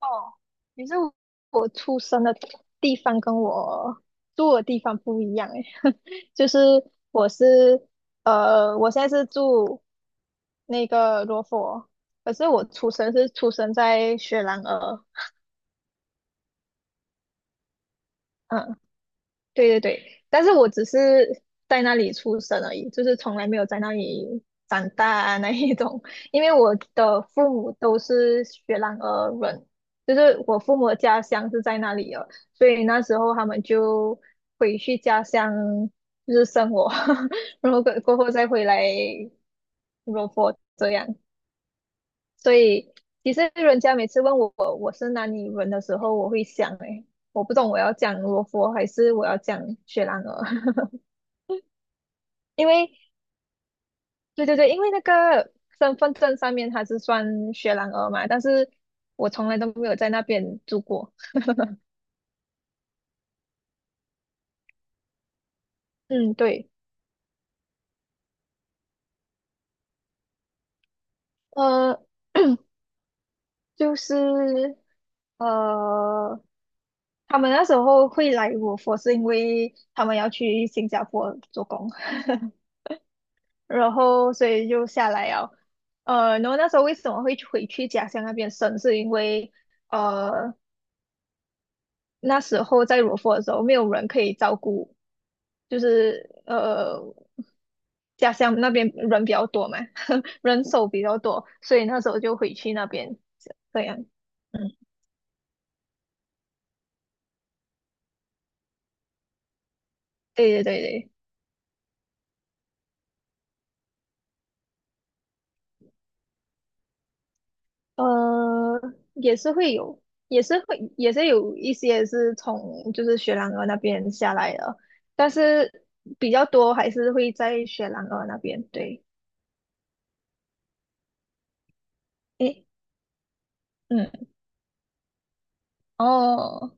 哦，你是我出生的地方跟我住的地方不一样诶，就是我是我现在是住那个罗佛，可是我出生是出生在雪兰莪，嗯，对对对，但是我只是在那里出生而已，就是从来没有在那里长大啊 那一种。因为我的父母都是雪兰莪人，就是我父母的家乡是在那里的，所以那时候他们就回去家乡就是生活，然后过后再回来罗佛这样。所以其实人家每次问我我是哪里人的时候，我会想诶，我不懂我要讲罗佛还是我要讲雪兰莪。因为对对对，因为那个身份证上面它是算雪兰莪嘛，但是我从来都没有在那边住过。嗯，对，呃，就是呃，他们那时候会来我佛是因为他们要去新加坡做工，然后所以就下来了。然后那时候为什么会回去家乡那边生，是因为呃那时候在柔佛的时候，没有人可以照顾，就是家乡那边人比较多嘛，人手比较多，所以那时候就回去那边这样。嗯，对对对对，呃，也是会有，也是有一些是从就是雪兰莪那边下来的，但是比较多还是会在雪兰莪那边。对，诶，嗯，哦，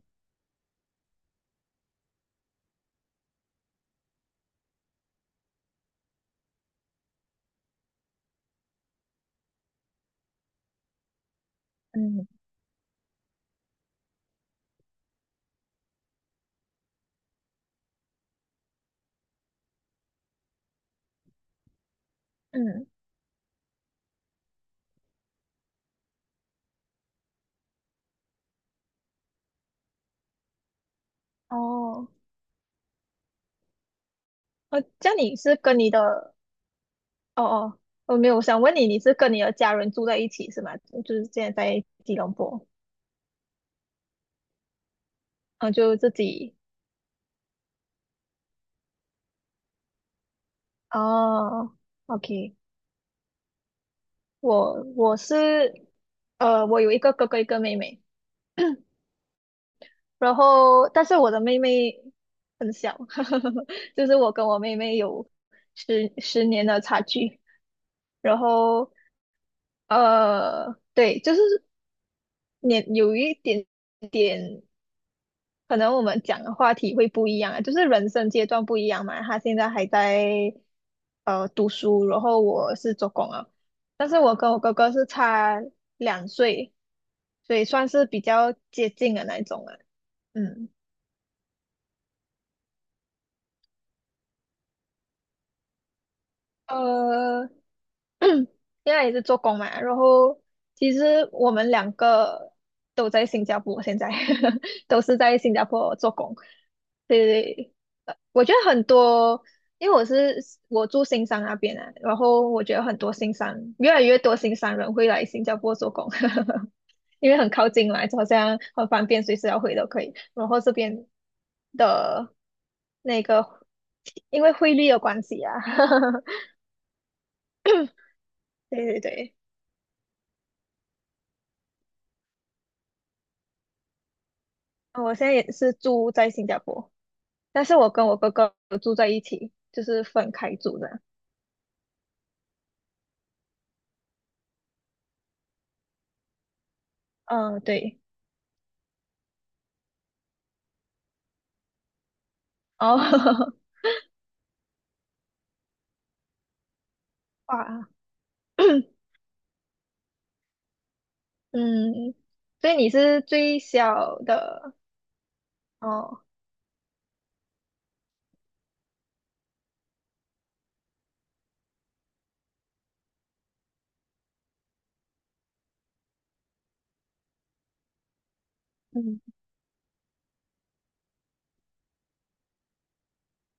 嗯，嗯，哦，呃，这样你是跟你的哦哦，我没有，我想问你，你是跟你的家人住在一起是吗？就是现在在吉隆坡，嗯，就自己。哦，OK，我是，我有一个哥哥，一个妹妹，然后但是我的妹妹很小，就是我跟我妹妹有十年的差距，然后对，就是年有一点点。可能我们讲的话题会不一样啊，就是人生阶段不一样嘛。他现在还在读书，然后我是做工啊，但是我跟我哥哥是差2岁，所以算是比较接近的那一种啊。嗯，呃，现在也是做工嘛，然后其实我们两个都在新加坡，现在 都是在新加坡做工。对对对，我觉得很多，因为我住新山那边啊，然后我觉得很多新山越来越多新山人会来新加坡做工，因为很靠近嘛，就好像很方便，随时要回都可以。然后这边的那个因为汇率的关系啊，对对对。我现在也是住在新加坡，但是我跟我哥哥有住在一起，就是分开住的。嗯，对。哦，哇，嗯，所以你是最小的哦。嗯。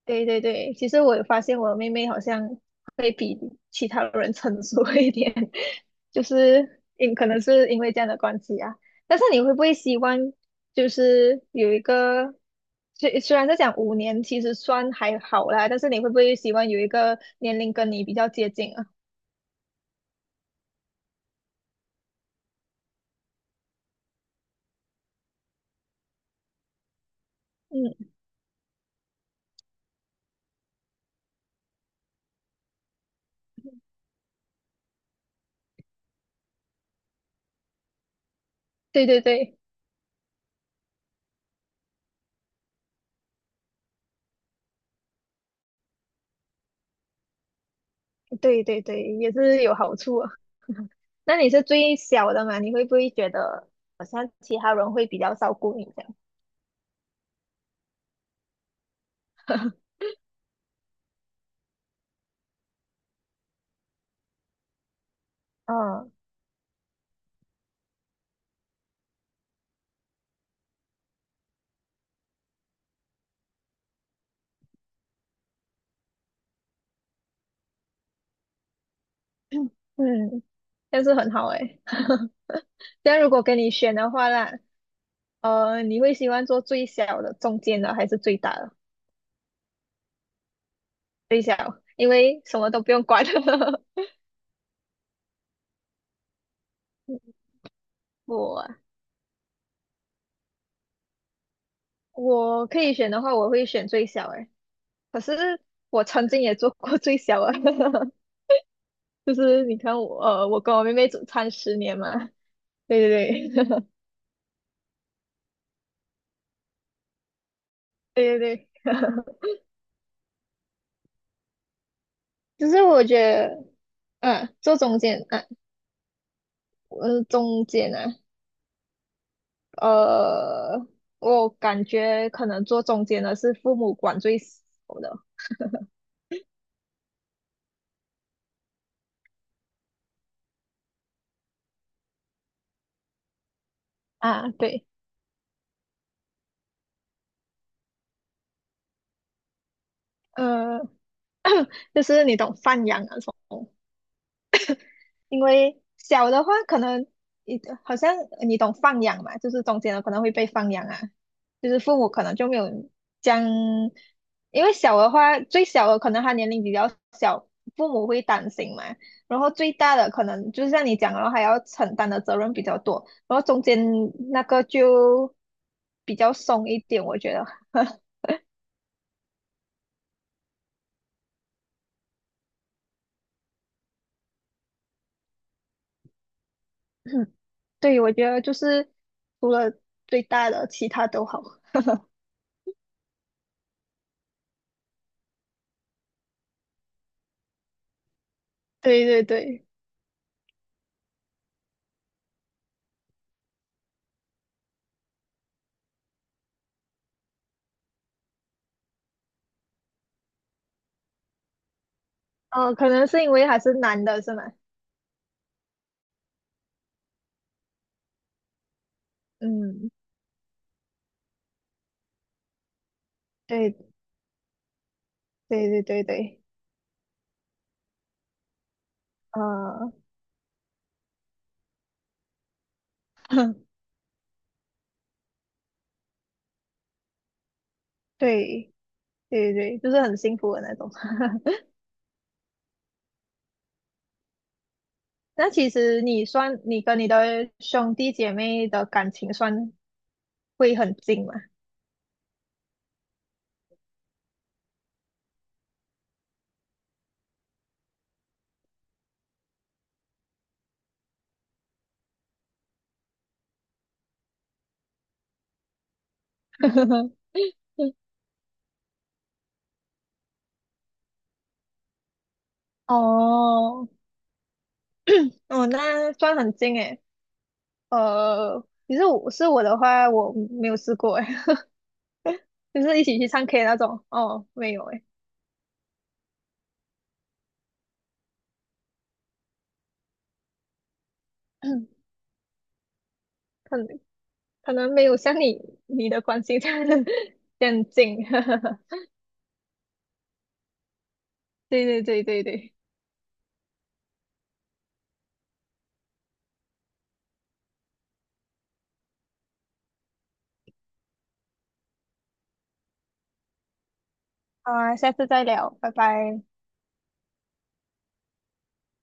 对对对，其实我有发现我妹妹好像会比其他人成熟一点，就是因可能是因为这样的关系啊。但是你会不会希望就是有一个，虽然是讲5年，其实算还好啦，但是你会不会希望有一个年龄跟你比较接近啊？嗯，对对对对对对，也是有好处啊。那你是最小的嘛？你会不会觉得好像其他人会比较照顾你这样？嗯。嗯，但是很好诶。欸 但如果跟你选的话啦，你会喜欢做最小的、中间的还是最大的？最小，因为什么都不用管。我啊我可以选的话，我会选最小诶。欸可是我曾经也做过最小啊，就是你看我，我跟我妹妹只差十年嘛。对对对，对对对。只是我觉得，做中间，啊，我是中间啊，呃，我感觉可能做中间的是父母管最少的啊，对，呃，就是你懂放养啊什么。因为小的话可能你好像你懂放养嘛，就是中间的可能会被放养啊，就是父母可能就没有将，因为小的话最小的可能他年龄比较小，父母会担心嘛，然后最大的可能就是像你讲的，然后还要承担的责任比较多，然后中间那个就比较松一点，我觉得，对，我觉得就是除了最大的，其他都好。对对对，哦，可能是因为还是男的是吗？嗯，对对对对对，呃，对对对，就是很幸福的那种。那其实你算，你跟你的兄弟姐妹的感情算会很近吗？哦，哦，那算很近诶。呃，其实我的话，我没有试过诶，就是一起去唱 K 那种，哦，没有诶，可能可能没有像你的关系这样 这样近。对对对对对。好啊，下次再聊，拜拜。